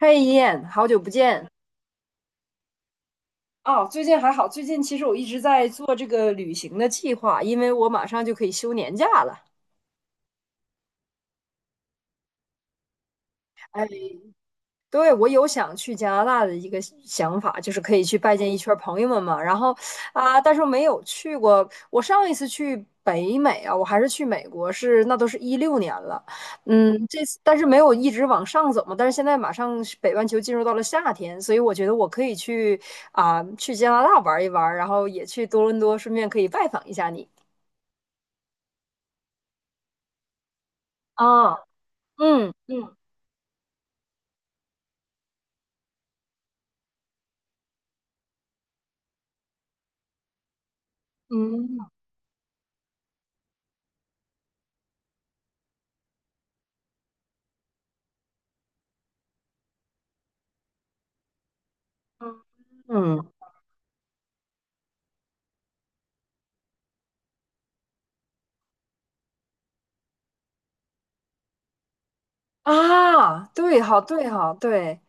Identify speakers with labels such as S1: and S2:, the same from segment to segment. S1: 嘿，一燕，好久不见。哦，最近还好，最近其实我一直在做这个旅行的计划，因为我马上就可以休年假了。哎。对，我有想去加拿大的一个想法，就是可以去拜见一圈儿朋友们嘛。然后啊，但是我没有去过。我上一次去北美啊，我还是去美国，是那都是16年了。嗯，这次但是没有一直往上走嘛。但是现在马上是北半球进入到了夏天，所以我觉得我可以去啊，去加拿大玩一玩，然后也去多伦多，顺便可以拜访一下你。啊。嗯嗯嗯嗯嗯啊，对哈对哈对。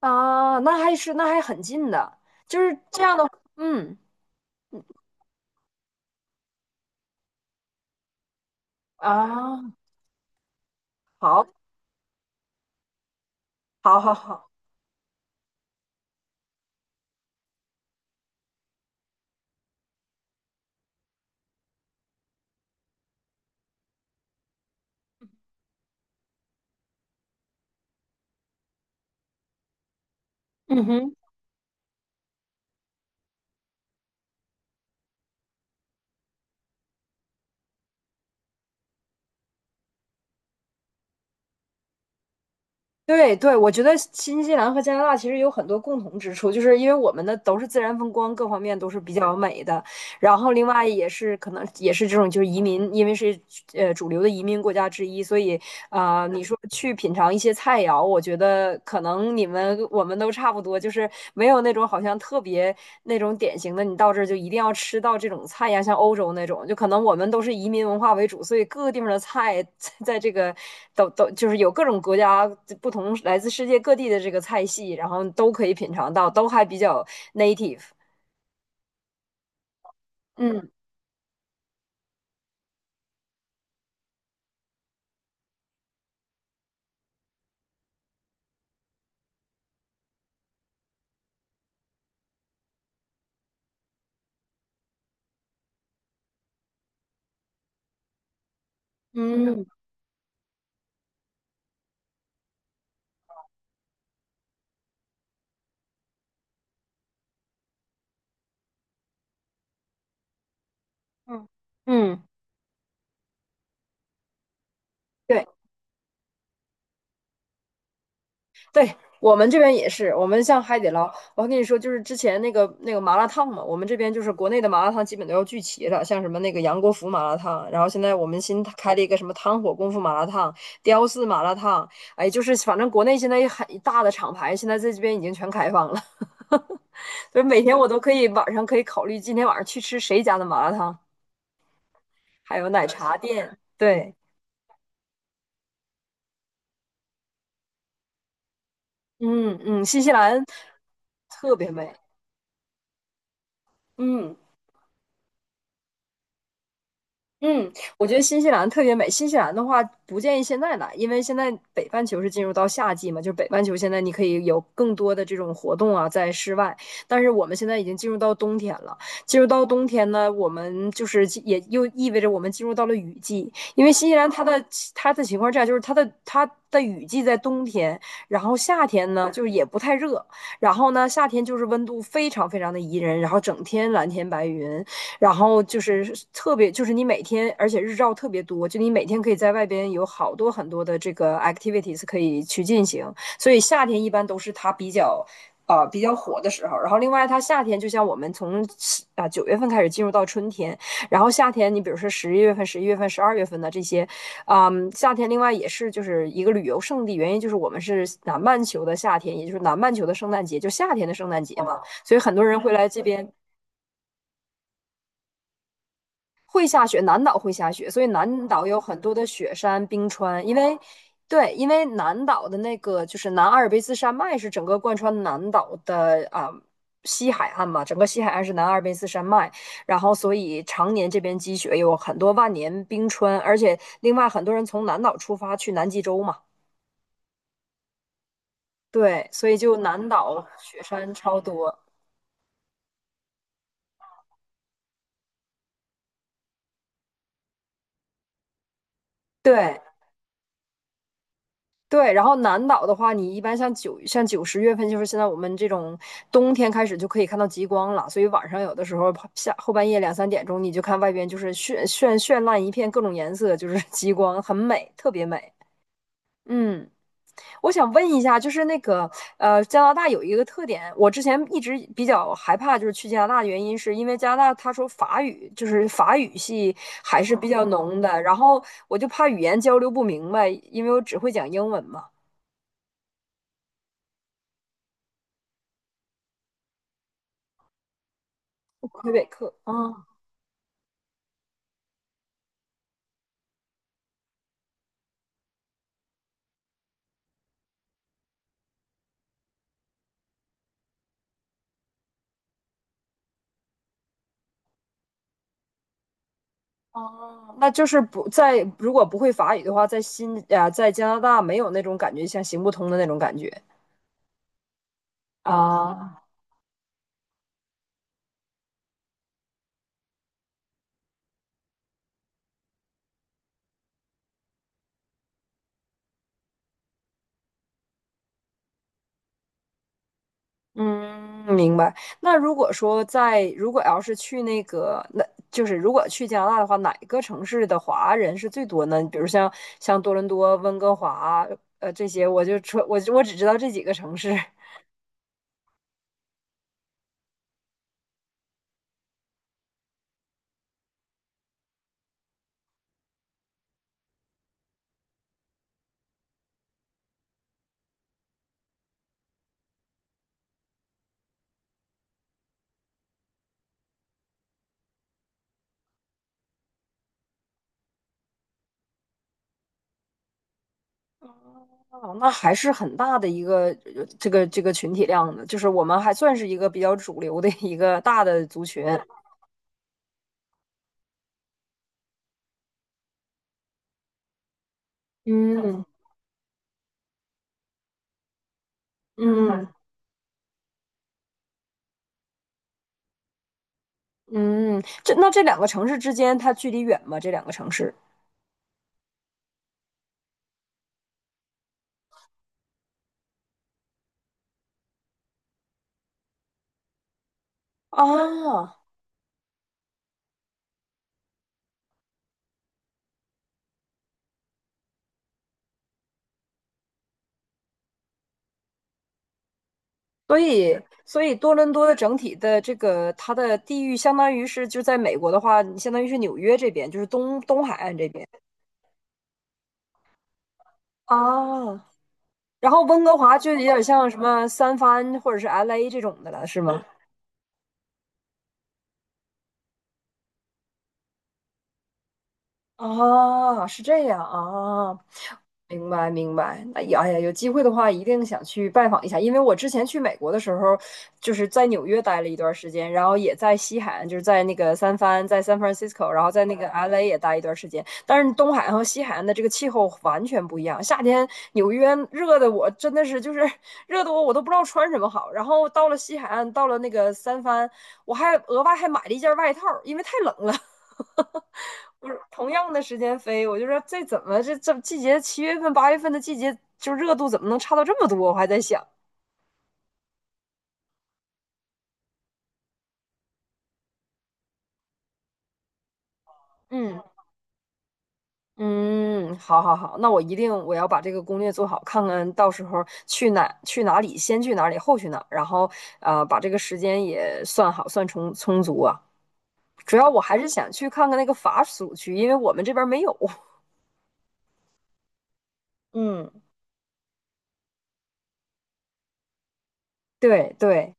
S1: 啊，那还很近的，就是这样的。嗯啊，好，好，好，好。嗯哼。对对，我觉得新西兰和加拿大其实有很多共同之处，就是因为我们的都是自然风光，各方面都是比较美的，然后另外也是可能也是这种就是移民，因为是主流的移民国家之一，所以啊、你说去品尝一些菜肴，我觉得可能你们我们都差不多，就是没有那种好像特别那种典型的，你到这儿就一定要吃到这种菜呀，像欧洲那种，就可能我们都是移民文化为主，所以各个地方的菜在这个都就是有各种国家不同来自世界各地的这个菜系，然后都可以品尝到，都还比较 native。嗯嗯。嗯嗯对对，我们这边也是，我们像海底捞，我还跟你说，就是之前那个麻辣烫嘛，我们这边就是国内的麻辣烫基本都要聚齐了，像什么那个杨国福麻辣烫，然后现在我们新开了一个什么汤火功夫麻辣烫、雕四麻辣烫。哎，就是反正国内现在一很一大的厂牌，现在在这边已经全开放了，所以每天我都可以晚上可以考虑今天晚上去吃谁家的麻辣烫。还有奶茶店，对。嗯嗯，新西兰特别美。嗯。嗯，我觉得新西兰特别美。新西兰的话，不建议现在来，因为现在北半球是进入到夏季嘛，就是北半球现在你可以有更多的这种活动啊，在室外。但是我们现在已经进入到冬天了，进入到冬天呢，我们就是进也又意味着我们进入到了雨季，因为新西兰它的情况这样，就是它的雨季在冬天，然后夏天呢就是也不太热，然后呢夏天就是温度非常非常的宜人，然后整天蓝天白云。然后就是特别，就是你每天，而且日照特别多，就你每天可以在外边有好多很多的这个 activities 可以去进行，所以夏天一般都是它比较。啊、比较火的时候，然后另外它夏天就像我们从九月份开始进入到春天，然后夏天你比如说十一月份、12月份的这些。嗯，夏天另外也是就是一个旅游胜地，原因就是我们是南半球的夏天，也就是南半球的圣诞节，就夏天的圣诞节嘛，所以很多人会来这边会下雪，南岛会下雪，所以南岛有很多的雪山、冰川。因为，对，因为南岛的那个就是南阿尔卑斯山脉是整个贯穿南岛的啊、西海岸嘛，整个西海岸是南阿尔卑斯山脉，然后所以常年这边积雪，有很多万年冰川，而且另外很多人从南岛出发去南极洲嘛，对，所以就南岛雪山超多，对。对，然后南岛的话，你一般像九十月份，就是现在我们这种冬天开始就可以看到极光了，所以晚上有的时候下后半夜两三点钟，你就看外边就是绚绚绚烂一片，各种颜色，就是 极光，很美，特别美。嗯，我想问一下，就是那个，加拿大有一个特点，我之前一直比较害怕，就是去加拿大的原因，是因为加拿大他说法语，就是法语系还是比较浓的，然后我就怕语言交流不明白，因为我只会讲英文嘛。魁北克。嗯，哦，那就是不在，如果不会法语的话，在新啊，在加拿大没有那种感觉，像行不通的那种感觉啊。嗯，明白。那如果说在，如果要是去那个，那就是如果去加拿大的话，哪个城市的华人是最多呢？比如像多伦多、温哥华，这些，我就说，我只知道这几个城市。哦，那还是很大的一个这个群体量的，就是我们还算是一个比较主流的一个大的族群。嗯嗯嗯，这两个城市之间它距离远吗？这两个城市啊，所以所以多伦多的整体的这个它的地域相当于是就在美国的话，你相当于是纽约这边，就是东东海岸这边啊。然后温哥华就有点像什么三藩或者是 LA 这种的了，是吗？啊，是这样啊，明白，明白。那也，哎呀，有机会的话，一定想去拜访一下。因为我之前去美国的时候，就是在纽约待了一段时间，然后也在西海岸，就是在那个三藩，在 San Francisco，然后在那个 LA 也待一段时间。但是东海岸和西海岸的这个气候完全不一样。夏天纽约热的我真的是就是 热的我都不知道穿什么好。然后到了西海岸，到了那个三藩，我还额外还买了一件外套，因为太冷了。不是同样的时间飞，我就说这怎么这季节7月份8月份的季节，就热度怎么能差到这么多？我还在想。嗯嗯，好好好，那我一定我要把这个攻略做好，看看到时候去哪去哪里，先去哪里，后去哪，然后把这个时间也算好，算充充足啊。主要我还是想去看看那个法属区，因为我们这边没有。嗯，对对。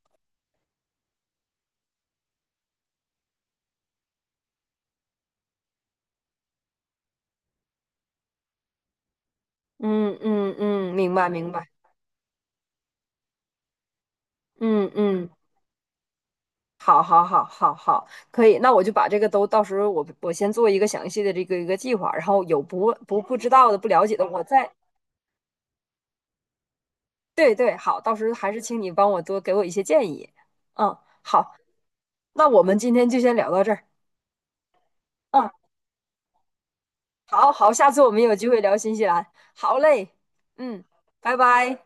S1: 嗯嗯嗯，明白明白。嗯嗯。好，好，好，好，好，可以。那我就把这个都到时候我先做一个详细的这个一个计划，然后有不知道的、不了解的，我再对对。好，到时候还是请你帮我多给我一些建议。嗯。好，那我们今天就先聊到这儿。嗯，好好，下次我们有机会聊新西兰。好嘞，嗯，拜拜。